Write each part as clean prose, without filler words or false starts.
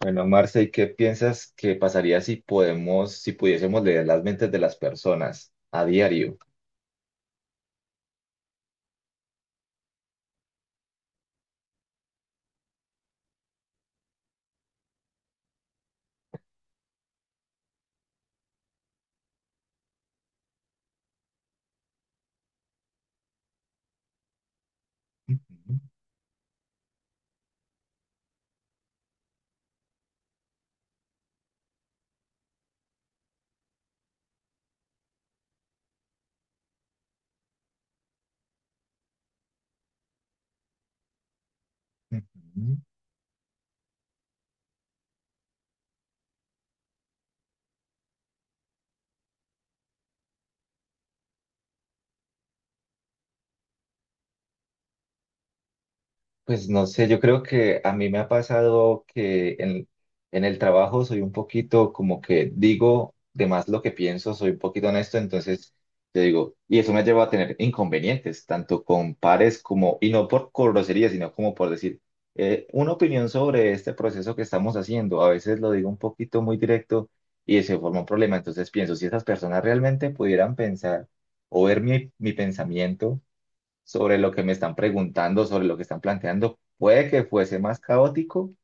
Bueno, Marce, ¿y qué piensas que pasaría si pudiésemos leer las mentes de las personas a diario? Ujú, ujú. Pues no sé, yo creo que a mí me ha pasado en el trabajo soy un poquito como que digo de más lo que pienso, soy un poquito honesto, entonces te digo, y eso me lleva a tener inconvenientes, tanto con pares como, y no por grosería, sino como por decir, una opinión sobre este proceso que estamos haciendo. A veces lo digo un poquito muy directo y se forma un problema, entonces pienso, si esas personas realmente pudieran pensar o ver mi pensamiento sobre lo que me están preguntando, sobre lo que están planteando, puede que fuese más caótico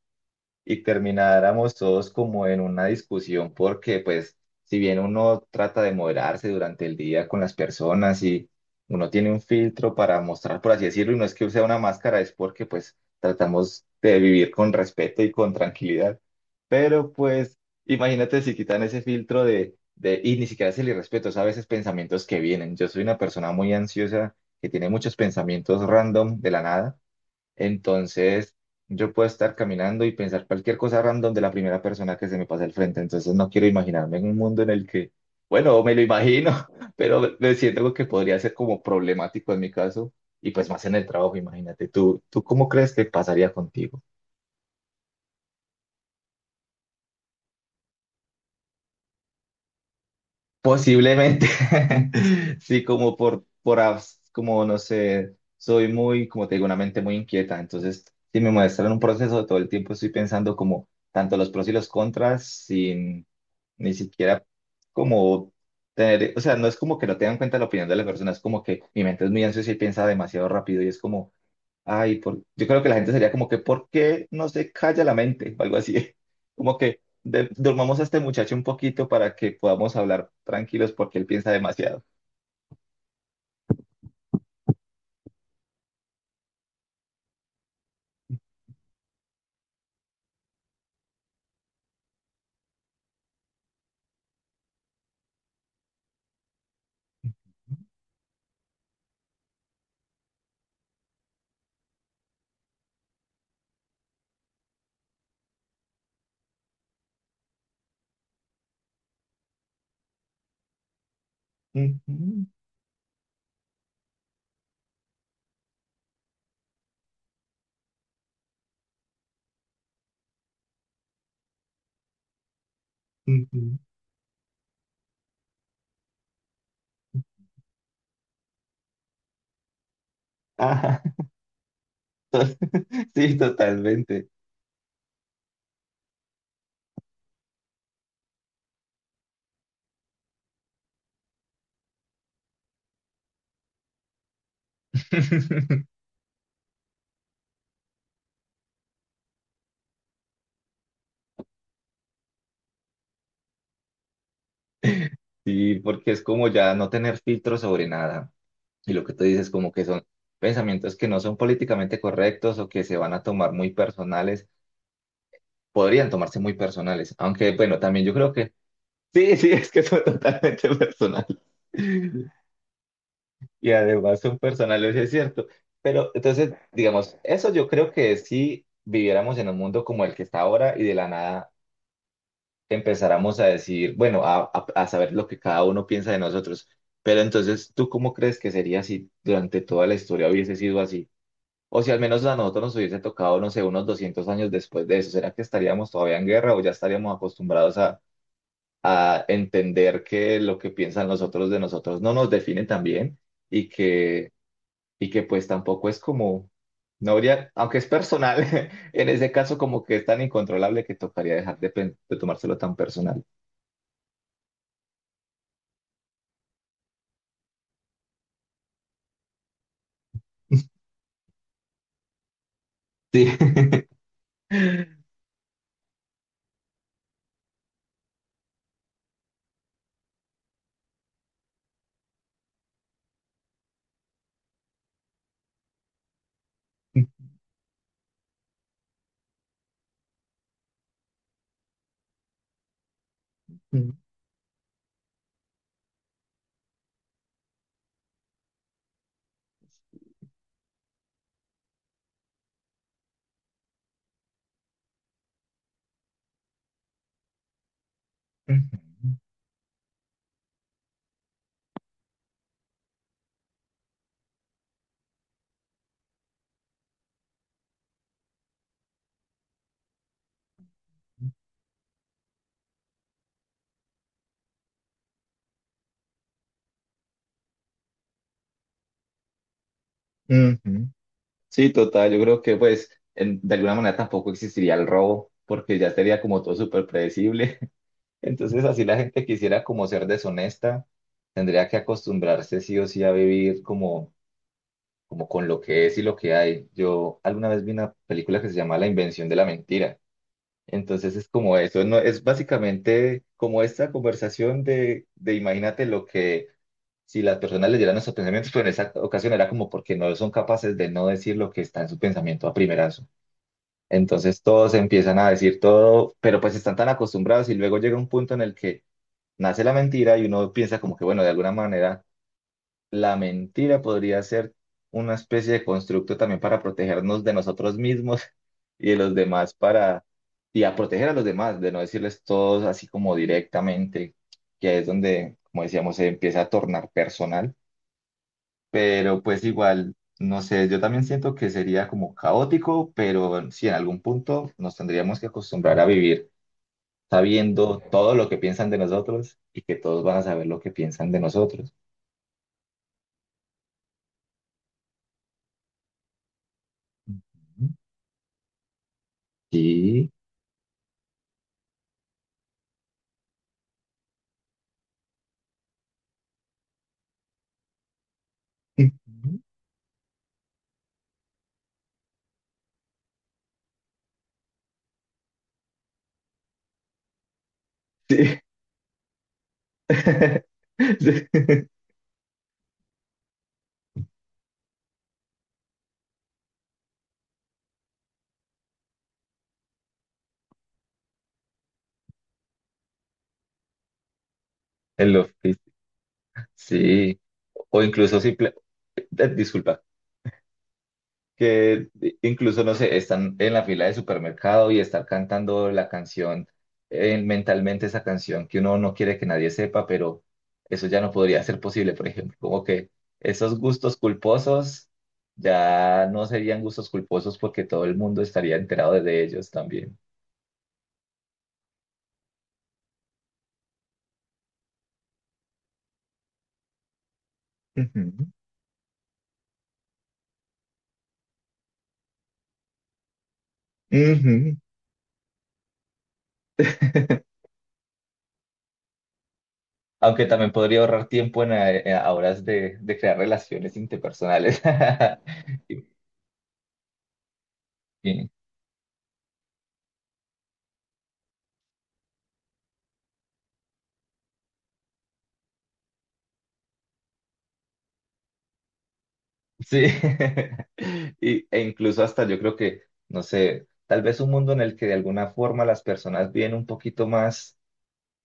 y termináramos todos como en una discusión porque pues si bien uno trata de moderarse durante el día con las personas y uno tiene un filtro para mostrar, por así decirlo, y no es que sea una máscara, es porque pues tratamos de vivir con respeto y con tranquilidad. Pero pues, imagínate si quitan ese filtro y ni siquiera es el irrespeto, es a veces pensamientos que vienen. Yo soy una persona muy ansiosa que tiene muchos pensamientos random de la nada. Entonces, yo puedo estar caminando y pensar cualquier cosa random de la primera persona que se me pase al frente. Entonces, no quiero imaginarme en un mundo en el que, bueno, me lo imagino, pero me siento algo que podría ser como problemático en mi caso. Y pues más en el trabajo, imagínate, ¿tú cómo crees que pasaría contigo? Posiblemente, sí, como como no sé, soy muy, como te digo, una mente muy inquieta, entonces si me muestran un proceso, todo el tiempo estoy pensando como tanto los pros y los contras, sin ni siquiera como o sea, no es como que no tengan en cuenta la opinión de la persona, es como que mi mente es muy ansiosa y piensa demasiado rápido y es como, ay, yo creo que la gente sería como que, ¿por qué no se calla la mente? O algo así. Como que durmamos a este muchacho un poquito para que podamos hablar tranquilos porque él piensa demasiado. Ujú, ujú. Ajá, sí, totalmente. Sí, porque es como ya no tener filtro sobre nada. Y lo que tú dices, como que son pensamientos que no son políticamente correctos o que se van a tomar muy personales, podrían tomarse muy personales. Aunque, bueno, también yo creo que sí, sí, es que son totalmente personales. Y además son personales, es cierto. Pero entonces, digamos, eso yo creo que si viviéramos en un mundo como el que está ahora y de la nada empezáramos a decir, bueno, a saber lo que cada uno piensa de nosotros. Pero entonces, ¿tú cómo crees que sería si durante toda la historia hubiese sido así? O si al menos a nosotros nos hubiese tocado, no sé, unos 200 años después de eso, ¿será que estaríamos todavía en guerra o ya estaríamos acostumbrados a entender que lo que piensan los otros de nosotros no nos define también y que, y que pues tampoco es como, no habría, aunque es personal, en ese caso como que es tan incontrolable que tocaría dejar de tomárselo tan personal. Sí. Ujú. Sí, total, yo creo que pues de alguna manera tampoco existiría el robo porque ya sería como todo súper predecible. Entonces, así la gente quisiera como ser deshonesta, tendría que acostumbrarse sí o sí a vivir como, como con lo que es y lo que hay. Yo alguna vez vi una película que se llama La invención de la mentira. Entonces es como eso, no, es básicamente como esta conversación de imagínate lo que si las personas leyeran nuestros pensamientos, pero en esa ocasión era como porque no son capaces de no decir lo que está en su pensamiento a primerazo. Entonces todos empiezan a decir todo, pero pues están tan acostumbrados y luego llega un punto en el que nace la mentira y uno piensa como que, bueno, de alguna manera la mentira podría ser una especie de constructo también para protegernos de nosotros mismos y de los demás para, y a proteger a los demás, de no decirles todos así como directamente, que es donde, como decíamos, se empieza a tornar personal, pero pues igual. No sé, yo también siento que sería como caótico, pero si en algún punto nos tendríamos que acostumbrar a vivir sabiendo todo lo que piensan de nosotros y que todos van a saber lo que piensan de nosotros. Ujú. Sí. Ujú. Sí. Sí. El oficio. Sí. O incluso simple, disculpa, que incluso, no sé, están en la fila de supermercado y estar cantando la canción, mentalmente esa canción que uno no quiere que nadie sepa, pero eso ya no podría ser posible, por ejemplo, como que esos gustos culposos ya no serían gustos culposos porque todo el mundo estaría enterado de ellos también. Ujú. Ujú. Aunque también podría ahorrar tiempo en, a horas de crear relaciones interpersonales. Y- sí, y, e incluso hasta yo creo que, no sé, tal vez un mundo en el que de alguna forma las personas vienen un poquito más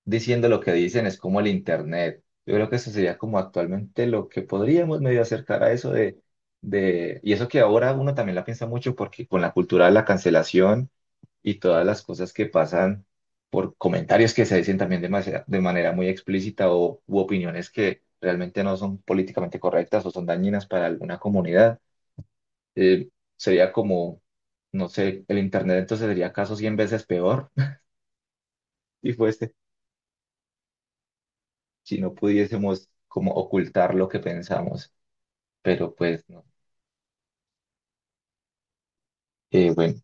diciendo lo que dicen, es como el Internet. Yo creo que eso sería como actualmente lo que podríamos medio acercar a eso y eso que ahora uno también la piensa mucho porque con la cultura de la cancelación y todas las cosas que pasan por comentarios que se dicen también de manera muy explícita o u opiniones que realmente no son políticamente correctas o son dañinas para alguna comunidad eh, sería como, no sé, el Internet entonces sería acaso 100 veces peor si fuese, si no pudiésemos como ocultar lo que pensamos, pero pues no. Bueno.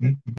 Ujú,